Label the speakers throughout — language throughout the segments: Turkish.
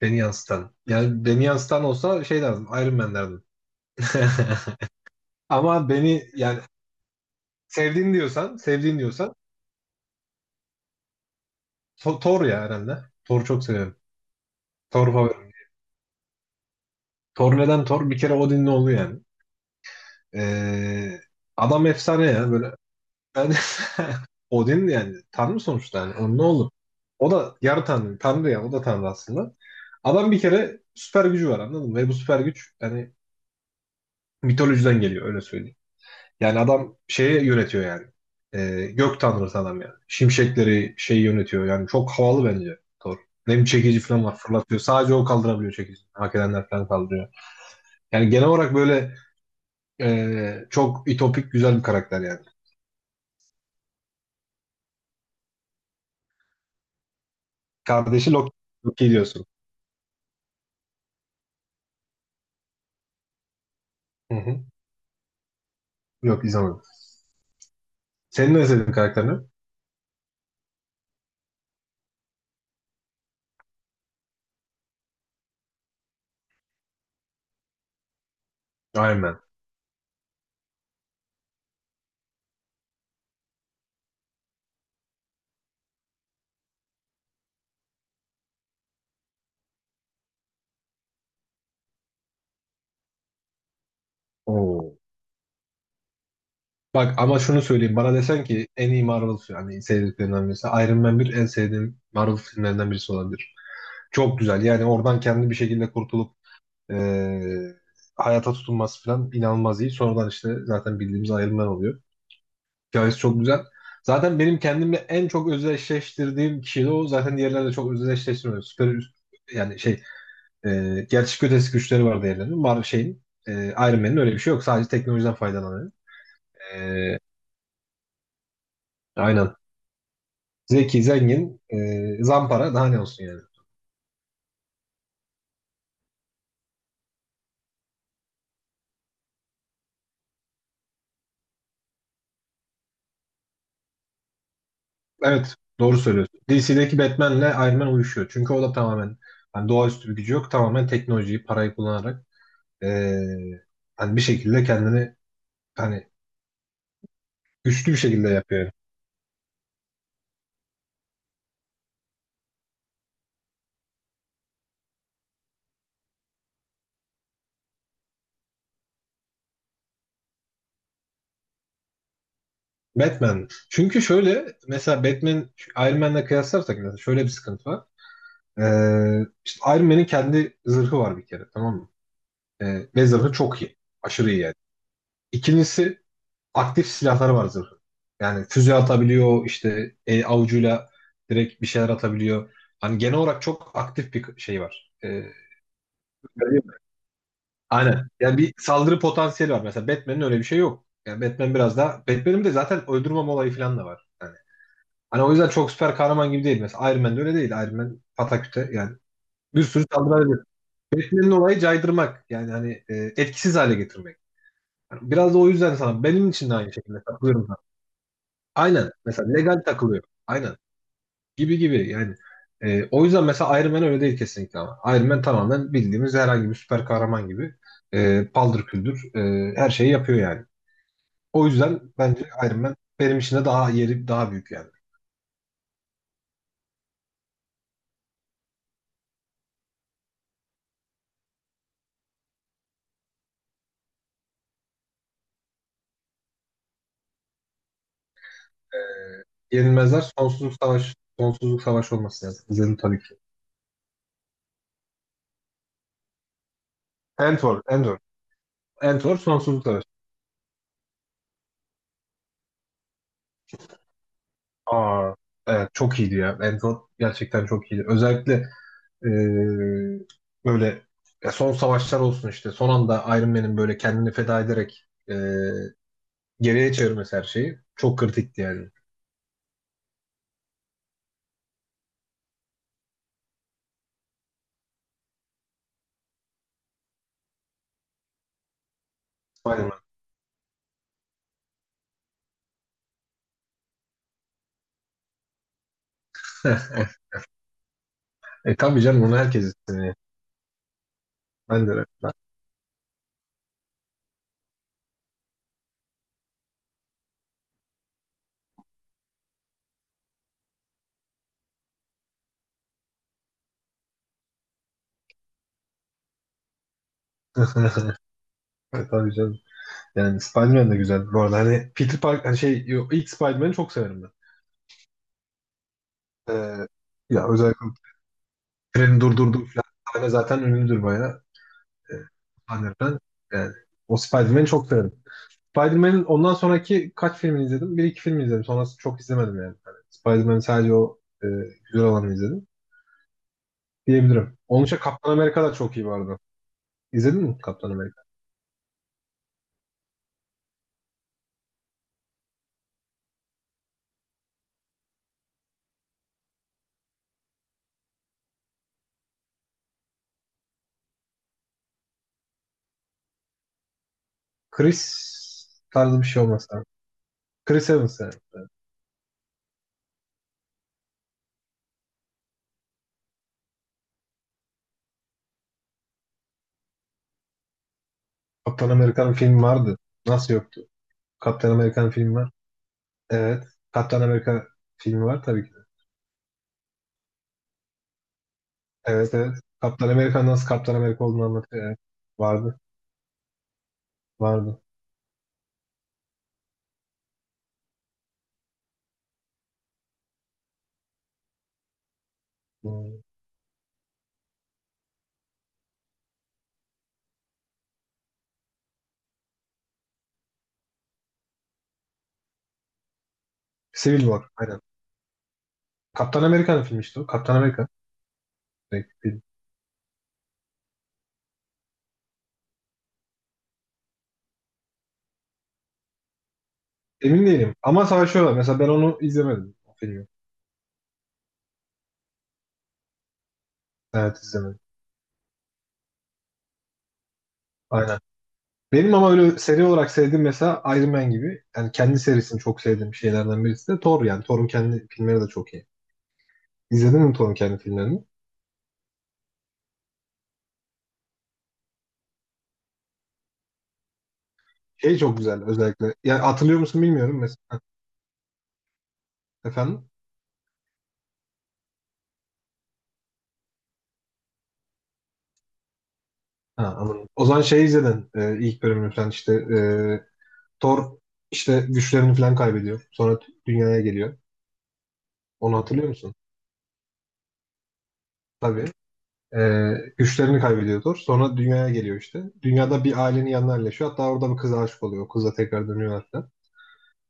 Speaker 1: Beni yansıtan. Yani beni yansıtan olsa şey derdim. Iron Man derdim. Ama beni yani sevdiğin diyorsan Thor ya herhalde. Thor'u çok seviyorum. Thor favorim. Thor neden Thor? Bir kere Odin'le oldu yani. Ee, adam efsane ya böyle. Ben Odin yani tanrı sonuçta yani. Onun ne olur? O da yarı tanrı. Tanrı ya o da tanrı aslında. Adam bir kere süper gücü var anladın mı? Ve bu süper güç yani mitolojiden geliyor öyle söyleyeyim. Yani adam şeye yönetiyor yani. Gök tanrısı adam yani. Şimşekleri şey yönetiyor yani. Çok havalı bence Thor. Nem çekici falan var fırlatıyor. Sadece o kaldırabiliyor çekici. Hak edenler falan kaldırıyor. Yani genel olarak böyle çok ütopik güzel bir karakter yani. Kardeşi Loki, Loki diyorsun. Hı hı. Yok izlemedim. Senin ne sevdiğin karakter ne? Iron Man. Oo. Bak ama şunu söyleyeyim. Bana desen ki en iyi Marvel yani sevdiklerinden birisi. Iron Man bir en sevdiğim Marvel filmlerinden birisi olabilir. Çok güzel. Yani oradan kendi bir şekilde kurtulup eee, hayata tutunması falan inanılmaz iyi. Sonradan işte zaten bildiğimiz ayrımlar oluyor. Hikayesi çok güzel. Zaten benim kendimle en çok özdeşleştirdiğim kişi de o. Zaten diğerlerle çok özdeşleştirmiyorum. Süper yani şey gerçek ötesi güçleri var diğerlerinin. Var şeyin Iron Man'in öyle bir şey yok. Sadece teknolojiden faydalanıyor. Eee, aynen. Zeki, zengin, zampara daha ne olsun yani. Evet, doğru söylüyorsun. DC'deki Batman'le Iron Man uyuşuyor. Çünkü o da tamamen hani doğaüstü bir gücü yok. Tamamen teknolojiyi, parayı kullanarak eee, hani bir şekilde kendini hani güçlü bir şekilde yapıyor. Batman. Çünkü şöyle mesela Batman Iron Man'le kıyaslarsak mesela şöyle bir sıkıntı var. İşte Iron Man'in kendi zırhı var bir kere tamam mı? Ve zırhı çok iyi. Aşırı iyi yani. İkincisi aktif silahları var zırhın. Yani füze atabiliyor, işte avucuyla direkt bir şeyler atabiliyor. Hani genel olarak çok aktif bir şey var. Öyle değil mi? Aynen. Yani bir saldırı potansiyeli var. Mesela Batman'in öyle bir şey yok. Yani Batman biraz daha... Batman'in de zaten öldürmem olayı falan da var. Yani. Hani o yüzden çok süper kahraman gibi değil. Mesela Iron Man de öyle değil. Iron Man pataküte yani. Bir sürü saldırı ediyor. Batman'in olayı caydırmak. Yani hani etkisiz hale getirmek. Yani biraz da o yüzden sana benim için de aynı şekilde katılıyorum. Aynen. Mesela legal takılıyor. Aynen. Gibi gibi yani. O yüzden mesela Iron Man öyle değil kesinlikle ama. Iron Man tamamen bildiğimiz herhangi bir süper kahraman gibi. Paldır küldür her şeyi yapıyor yani. O yüzden bence Iron Man benim için de daha yeri daha büyük yani. Yenilmezler sonsuzluk savaş olması lazım. İzledim tabii ki. Entor, Entor. Entor sonsuzluk savaşı. Aa, evet çok iyiydi ya. Entor gerçekten çok iyiydi. Özellikle Ee, böyle ya son savaşlar olsun işte. Son anda Iron Man'in böyle kendini feda ederek geriye çevirmesi her şeyi çok kritikti yani. Aynen. Tabii canım onu herkes istemiyor. Ben de öyle. Tabii canım. Yani Spider-Man de güzel. Bu arada hani Peter Park hani şey ilk Spider-Man'i çok severim ben. Ee, ya özellikle treni durdurduğu falan sahne zaten ünlüdür bayağı. E, sahneden. Yani o Spider-Man'i çok severim. Spider-Man'in ondan sonraki kaç filmini izledim? Bir iki film izledim. Sonrası çok izlemedim yani. Hani Spider-Man'in sadece o güzel olanı izledim. Diyebilirim. Onun için Kaptan Amerika da çok iyi vardı. İzledin mi Kaptan Amerika? Chris tarzı bir şey olmasa. Chris Evans yani. Kaptan Amerika'nın filmi vardı. Nasıl yoktu? Kaptan Amerika'nın filmi var. Evet. Kaptan Amerika filmi var tabii ki. Evet evet. Kaptan Amerika'nın nasıl Kaptan Amerika olduğunu anlatıyor. Evet. Vardı. Vardı. Hmm. Civil War. Aynen. Kaptan Amerika'nın filmi işte o. Kaptan Amerika. Direkt film. Emin değilim. Ama savaşıyorlar. Mesela ben onu izlemedim. O filmi. Evet izlemedim. Aynen. Benim ama öyle seri olarak sevdiğim mesela Iron Man gibi. Yani kendi serisini çok sevdiğim şeylerden birisi de Thor yani. Thor'un kendi filmleri de çok iyi. İzledin mi Thor'un kendi filmlerini? Şey çok güzel özellikle. Yani hatırlıyor musun bilmiyorum mesela. Efendim? Ha, anladım. O zaman şey izledin. E, ilk bölümünü falan işte Thor işte güçlerini falan kaybediyor. Sonra dünyaya geliyor. Onu hatırlıyor musun? Tabii. Ee, güçlerini kaybediyor Thor. Sonra dünyaya geliyor işte. Dünyada bir ailenin yanına yerleşiyor. Hatta orada bir kıza aşık oluyor. O kızla tekrar dönüyor hatta.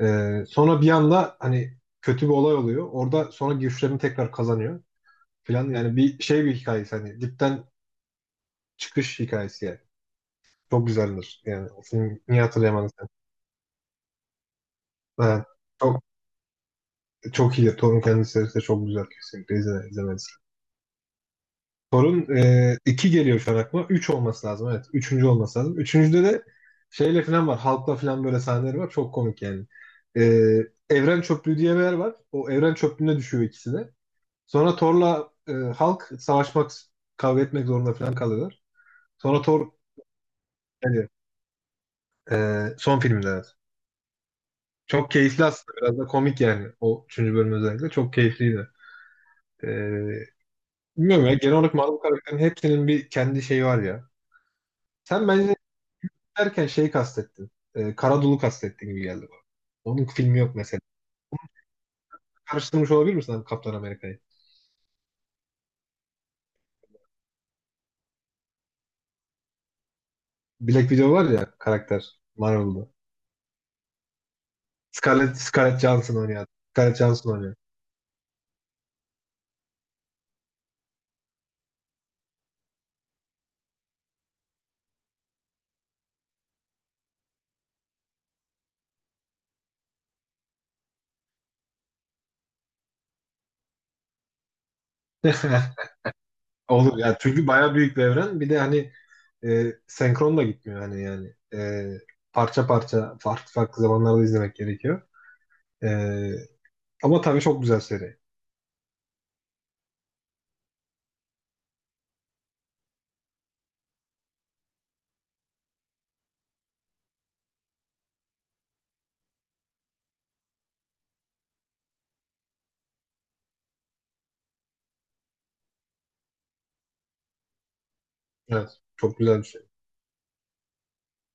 Speaker 1: Sonra bir anda hani kötü bir olay oluyor. Orada sonra güçlerini tekrar kazanıyor falan. Yani bir şey bir hikayesi hani dipten çıkış hikayesi yani. Çok güzeldir. Yani o film niye hatırlayamadın sen? Ha, çok, çok iyi. Thor'un kendisi de çok güzel kesinlikle. İzle, izlemelisin. Sorun 2 geliyor şu an aklıma. 3 olması lazım evet. Üçüncü olması lazım. Üçüncüde de şeyle falan var. Halkla falan böyle sahneleri var. Çok komik yani. E, Evren Çöplüğü diye bir yer var. O Evren Çöplüğü'ne düşüyor ikisi de. Sonra Thor'la Hulk savaşmak, kavga etmek zorunda falan kalıyorlar. Sonra Thor yani, son filmde evet. Çok keyifli aslında. Biraz da komik yani. O üçüncü bölüm özellikle. Çok keyifliydi. E, bilmiyorum ya. Genel olarak Marvel karakterinin hepsinin bir kendi şeyi var ya. Sen bence derken şey kastetti. Karadul'u kastetti gibi geldi bana. Onun filmi yok mesela. Karıştırmış olabilir misin abi Kaptan Amerika'yı? Black Widow var ya karakter Marvel'da. Scarlett Johansson oynuyor. Scarlett Johansson oynuyor. Olur ya çünkü bayağı büyük bir evren. Bir de hani senkron da gitmiyor hani yani. Parça parça farklı farklı zamanlarda izlemek gerekiyor. E, Ama tabii çok güzel seri. Evet. Çok güzel bir şey.